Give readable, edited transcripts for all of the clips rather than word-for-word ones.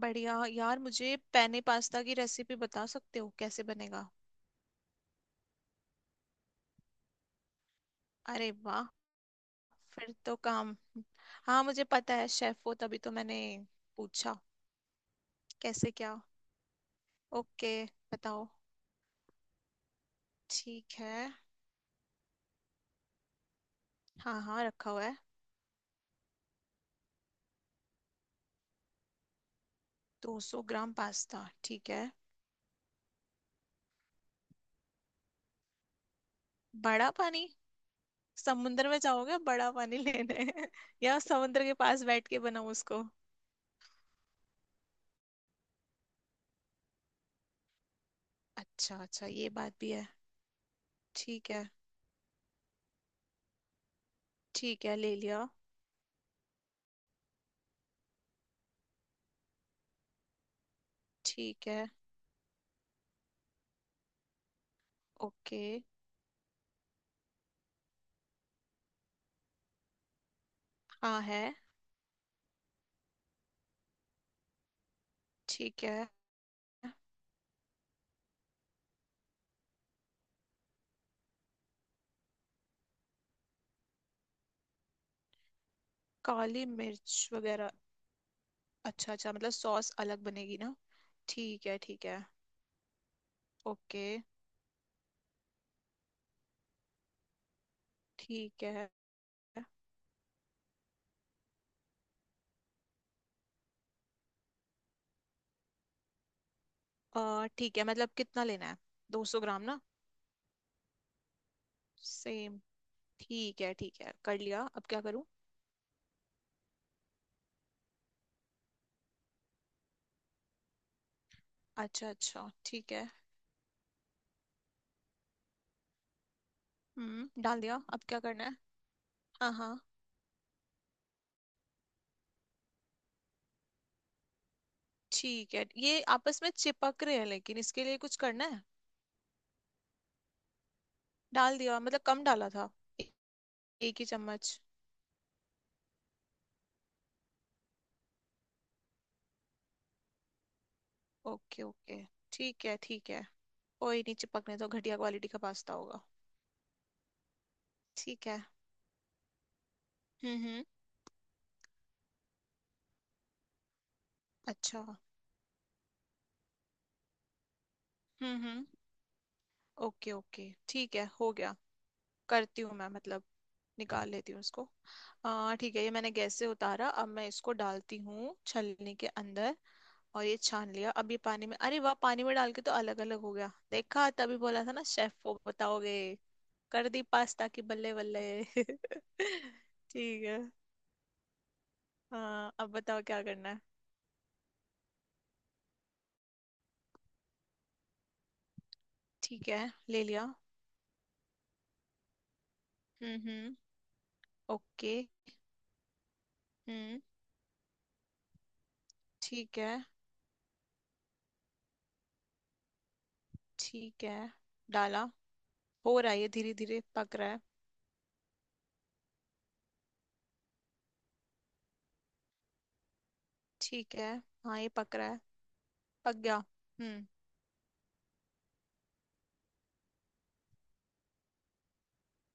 बढ़िया यार, मुझे पेने पास्ता की रेसिपी बता सकते हो, कैसे बनेगा? अरे वाह। फिर तो काम। हाँ, मुझे पता है शेफ हो, तभी तो मैंने पूछा। कैसे क्या? ओके, बताओ। ठीक है। हाँ हाँ, रखा हुआ है। 200 ग्राम पास्ता, ठीक है। बड़ा पानी? समुद्र में जाओगे बड़ा पानी लेने? या समुद्र के पास बैठ के बनाओ उसको। अच्छा अच्छा, ये बात भी है। ठीक है। ठीक है, ले लिया। ठीक है। ओके। हाँ है। ठीक है। काली मिर्च वगैरह। अच्छा अच्छा, मतलब सॉस अलग बनेगी ना? ठीक है ठीक है। ओके। ठीक है। ठीक है, मतलब कितना लेना है? 200 ग्राम ना? सेम। ठीक है ठीक है, कर लिया, अब क्या करूं? अच्छा अच्छा ठीक है। हम्म, डाल दिया, अब क्या करना है? हाँ हाँ। ठीक है, ये आपस में चिपक रहे हैं, लेकिन इसके लिए कुछ करना है? डाल दिया, मतलब कम डाला था। ए- एक ही चम्मच। ओके ओके, ठीक है ठीक है। कोई नहीं, चिपकने तो घटिया क्वालिटी का पास्ता होगा। ठीक है। हम्म। अच्छा हम्म। हम्म। ओके ओके, ठीक है, हो गया। करती हूँ मैं, मतलब निकाल लेती हूँ इसको। आ ठीक है, ये मैंने गैस से उतारा, अब मैं इसको डालती हूँ छलनी के अंदर। और ये छान लिया, अब ये पानी में अरे वाह, पानी में डाल के तो अलग अलग हो गया, देखा? तभी बोला था ना शेफ वो बताओगे। कर दी पास्ता की बल्ले बल्ले। ठीक है। हाँ, अब बताओ क्या करना है? ठीक है, ले लिया। हम्म। ओके। हम्म। ठीक है ठीक है। डाला। हो रहा है, ये धीरे धीरे पक रहा है। ठीक है। हाँ, ये पक रहा है। पक गया। हम्म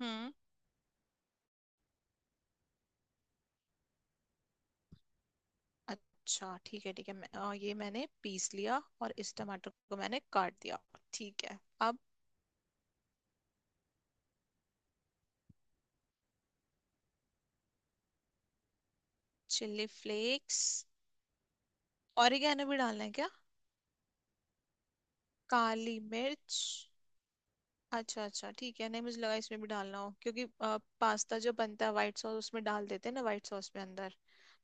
हम्म। अच्छा ठीक है ठीक है। ये मैंने पीस लिया और इस टमाटर को मैंने काट दिया। ठीक है। अब चिल्ली फ्लेक्स। ऑरिगेनो भी डालना है क्या? काली मिर्च। अच्छा अच्छा ठीक है, नहीं, मुझे लगा इसमें भी डालना हो, क्योंकि पास्ता जो बनता है व्हाइट सॉस, उसमें डाल देते हैं ना व्हाइट सॉस में अंदर।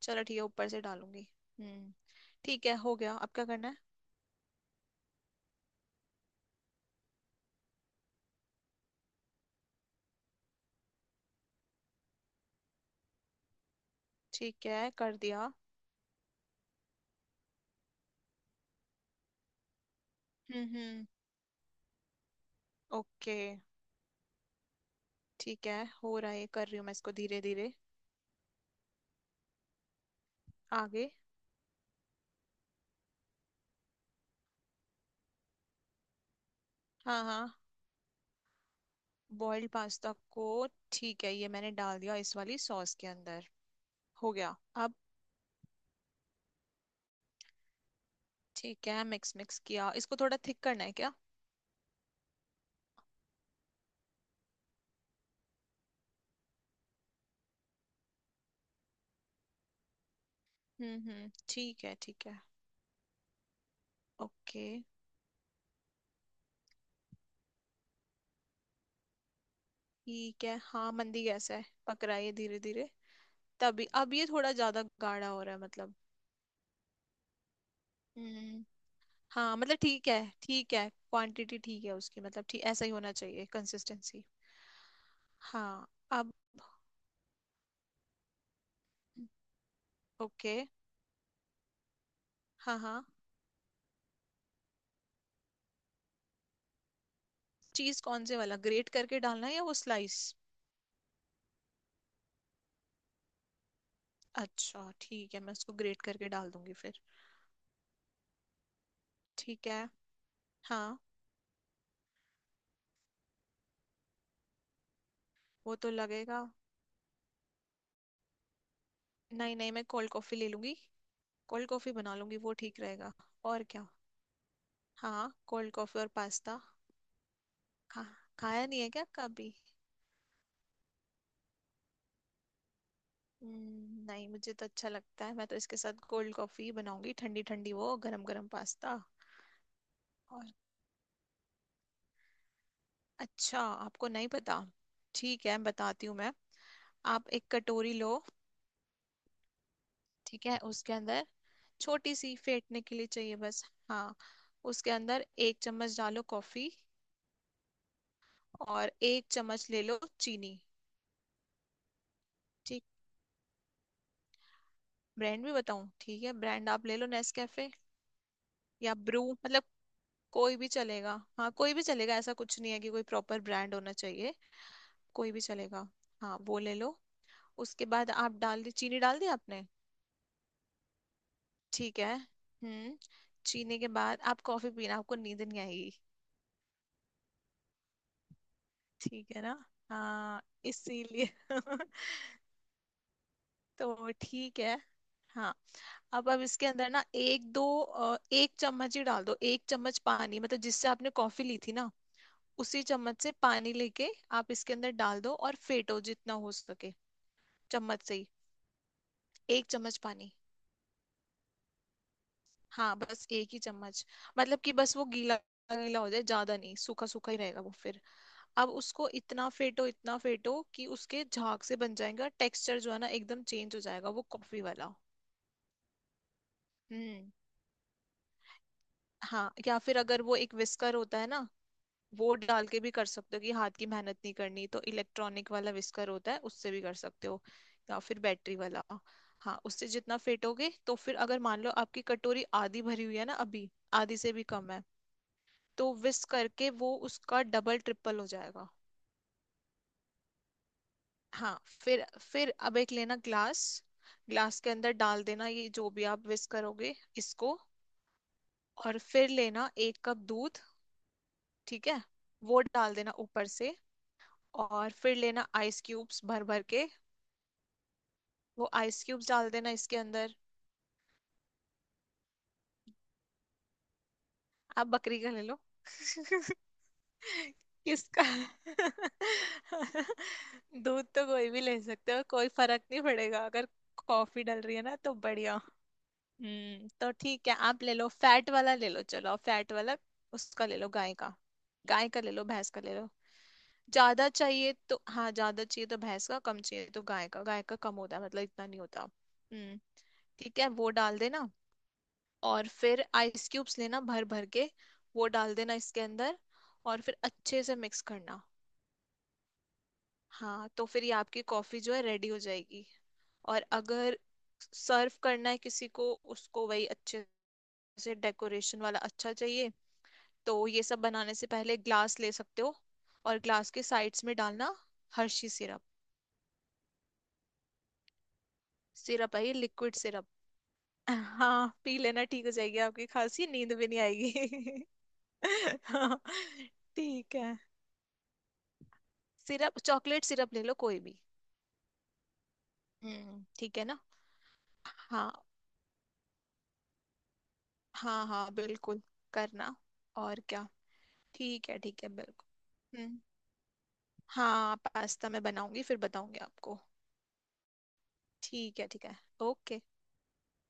चलो ठीक है, ऊपर से डालूंगी। हम्म। ठीक है, हो गया, अब क्या करना है? ठीक है, कर दिया। हम्म। ओके। ठीक है। हो रहा है, कर रही हूँ मैं इसको धीरे धीरे। आगे। हाँ हाँ। बॉइल्ड पास्ता को? ठीक है, ये मैंने डाल दिया इस वाली सॉस के अंदर। हो गया। अब ठीक है, मिक्स मिक्स किया, इसको थोड़ा थिक करना है क्या? हम्म, ठीक है ठीक है। ओके। ठीक है। हाँ, मंदी गैस है, पक रहा है ये धीरे धीरे। तभी अब ये थोड़ा ज्यादा गाढ़ा हो रहा है मतलब। हम्म। हाँ, मतलब ठीक है ठीक है, क्वांटिटी ठीक है उसकी, मतलब ठीक ऐसा ही होना चाहिए कंसिस्टेंसी। हाँ, अब ओके। हाँ हाँ। चीज कौन से वाला, ग्रेट करके डालना है या वो स्लाइस? अच्छा ठीक है, मैं उसको ग्रेट करके डाल दूंगी फिर। ठीक है। हाँ। वो तो लगेगा। नहीं नहीं, मैं कोल्ड कॉफी ले लूंगी। कोल्ड कॉफी बना लूंगी, वो ठीक रहेगा। और क्या। हाँ, कोल्ड कॉफी और पास्ता। खा खाया नहीं है क्या कभी? नहीं, मुझे तो अच्छा लगता है, मैं तो इसके साथ कोल्ड कॉफी बनाऊंगी, ठंडी ठंडी वो गरम गरम पास्ता। और। अच्छा। आपको नहीं पता? ठीक है, बताती हूँ मैं। आप एक कटोरी लो। ठीक है, उसके अंदर छोटी सी फेंटने के लिए चाहिए बस। हाँ। उसके अंदर एक चम्मच डालो कॉफी। और एक चम्मच ले लो चीनी। ठीक। ब्रांड भी बताऊँ? ठीक है, ब्रांड आप ले लो नेस्कैफे या ब्रू, मतलब कोई भी चलेगा। हाँ, कोई भी चलेगा, ऐसा कुछ नहीं है कि कोई प्रॉपर ब्रांड होना चाहिए। कोई भी चलेगा। हाँ, वो ले लो। उसके बाद आप डाल दी, चीनी डाल दी आपने? ठीक है। हम्म। चीनी के बाद आप कॉफी पीना, आपको नींद नहीं आएगी। ठीक है ना। हाँ, इसीलिए। तो ठीक है। हाँ, अब इसके अंदर ना एक दो एक चम्मच ही डाल दो, एक चम्मच पानी मतलब, जिससे आपने कॉफी ली थी ना, उसी चम्मच से पानी लेके आप इसके अंदर डाल दो और फेटो जितना हो सके। चम्मच से ही, एक चम्मच पानी। हाँ, बस एक ही चम्मच। मतलब कि बस वो गीला गीला हो जाए, ज्यादा नहीं, सूखा सूखा ही रहेगा वो फिर। अब उसको इतना फेटो कि उसके झाग से बन जाएगा टेक्सचर जो है ना, एकदम चेंज हो जाएगा वो कॉफी वाला। हम्म। हाँ, या फिर अगर वो एक विस्कर होता है ना, वो डाल के भी कर सकते हो, कि हाथ की मेहनत नहीं करनी तो इलेक्ट्रॉनिक वाला विस्कर होता है, उससे भी कर सकते हो। या फिर बैटरी वाला। हाँ, उससे जितना फेटोगे तो फिर अगर मान लो आपकी कटोरी आधी भरी हुई है ना अभी, आधी से भी कम है, तो whisk करके वो उसका डबल ट्रिपल हो जाएगा। हाँ फिर अब एक लेना ग्लास, ग्लास के अंदर डाल देना ये जो भी आप whisk करोगे इसको। और फिर लेना एक कप दूध। ठीक है। वो डाल देना ऊपर से। और फिर लेना आइस क्यूब्स भर भर के। वो आइस क्यूब्स डाल देना इसके अंदर। आप बकरी का ले लो। किसका? दूध तो कोई भी ले सकते हो, कोई फर्क नहीं पड़ेगा अगर कॉफी डल रही है ना तो बढ़िया। हम्म, तो ठीक है, आप ले लो फैट वाला, ले लो, चलो आप फैट वाला उसका ले लो, गाय का। गाय का ले लो, भैंस का ले लो। ज्यादा चाहिए तो हाँ, ज्यादा चाहिए तो भैंस का, कम चाहिए तो गाय का, गाय का कम होता है, मतलब इतना नहीं होता। हम्म। ठीक है, वो डाल देना। और फिर आइस क्यूब्स लेना भर भर के, वो डाल देना इसके अंदर। और फिर अच्छे से मिक्स करना। हाँ, तो फिर ये आपकी कॉफी जो है रेडी हो जाएगी। और अगर सर्व करना है किसी को उसको, वही अच्छे जैसे डेकोरेशन वाला अच्छा चाहिए, तो ये सब बनाने से पहले ग्लास ले सकते हो। और ग्लास के साइड्स में डालना हर्षी सिरप। सिरप है ये लिक्विड सिरप। हाँ, पी लेना, ठीक हो जाएगी आपकी खांसी, नींद भी नहीं आएगी। हाँ, ठीक है। सिरप चॉकलेट सिरप ले लो कोई भी। हम्म, ठीक है ना। हाँ हाँ हाँ बिल्कुल। करना। और क्या। ठीक है ठीक है, बिल्कुल, हम्म। हाँ, पास्ता मैं बनाऊंगी, फिर बताऊंगी आपको। ठीक है ठीक है। ओके।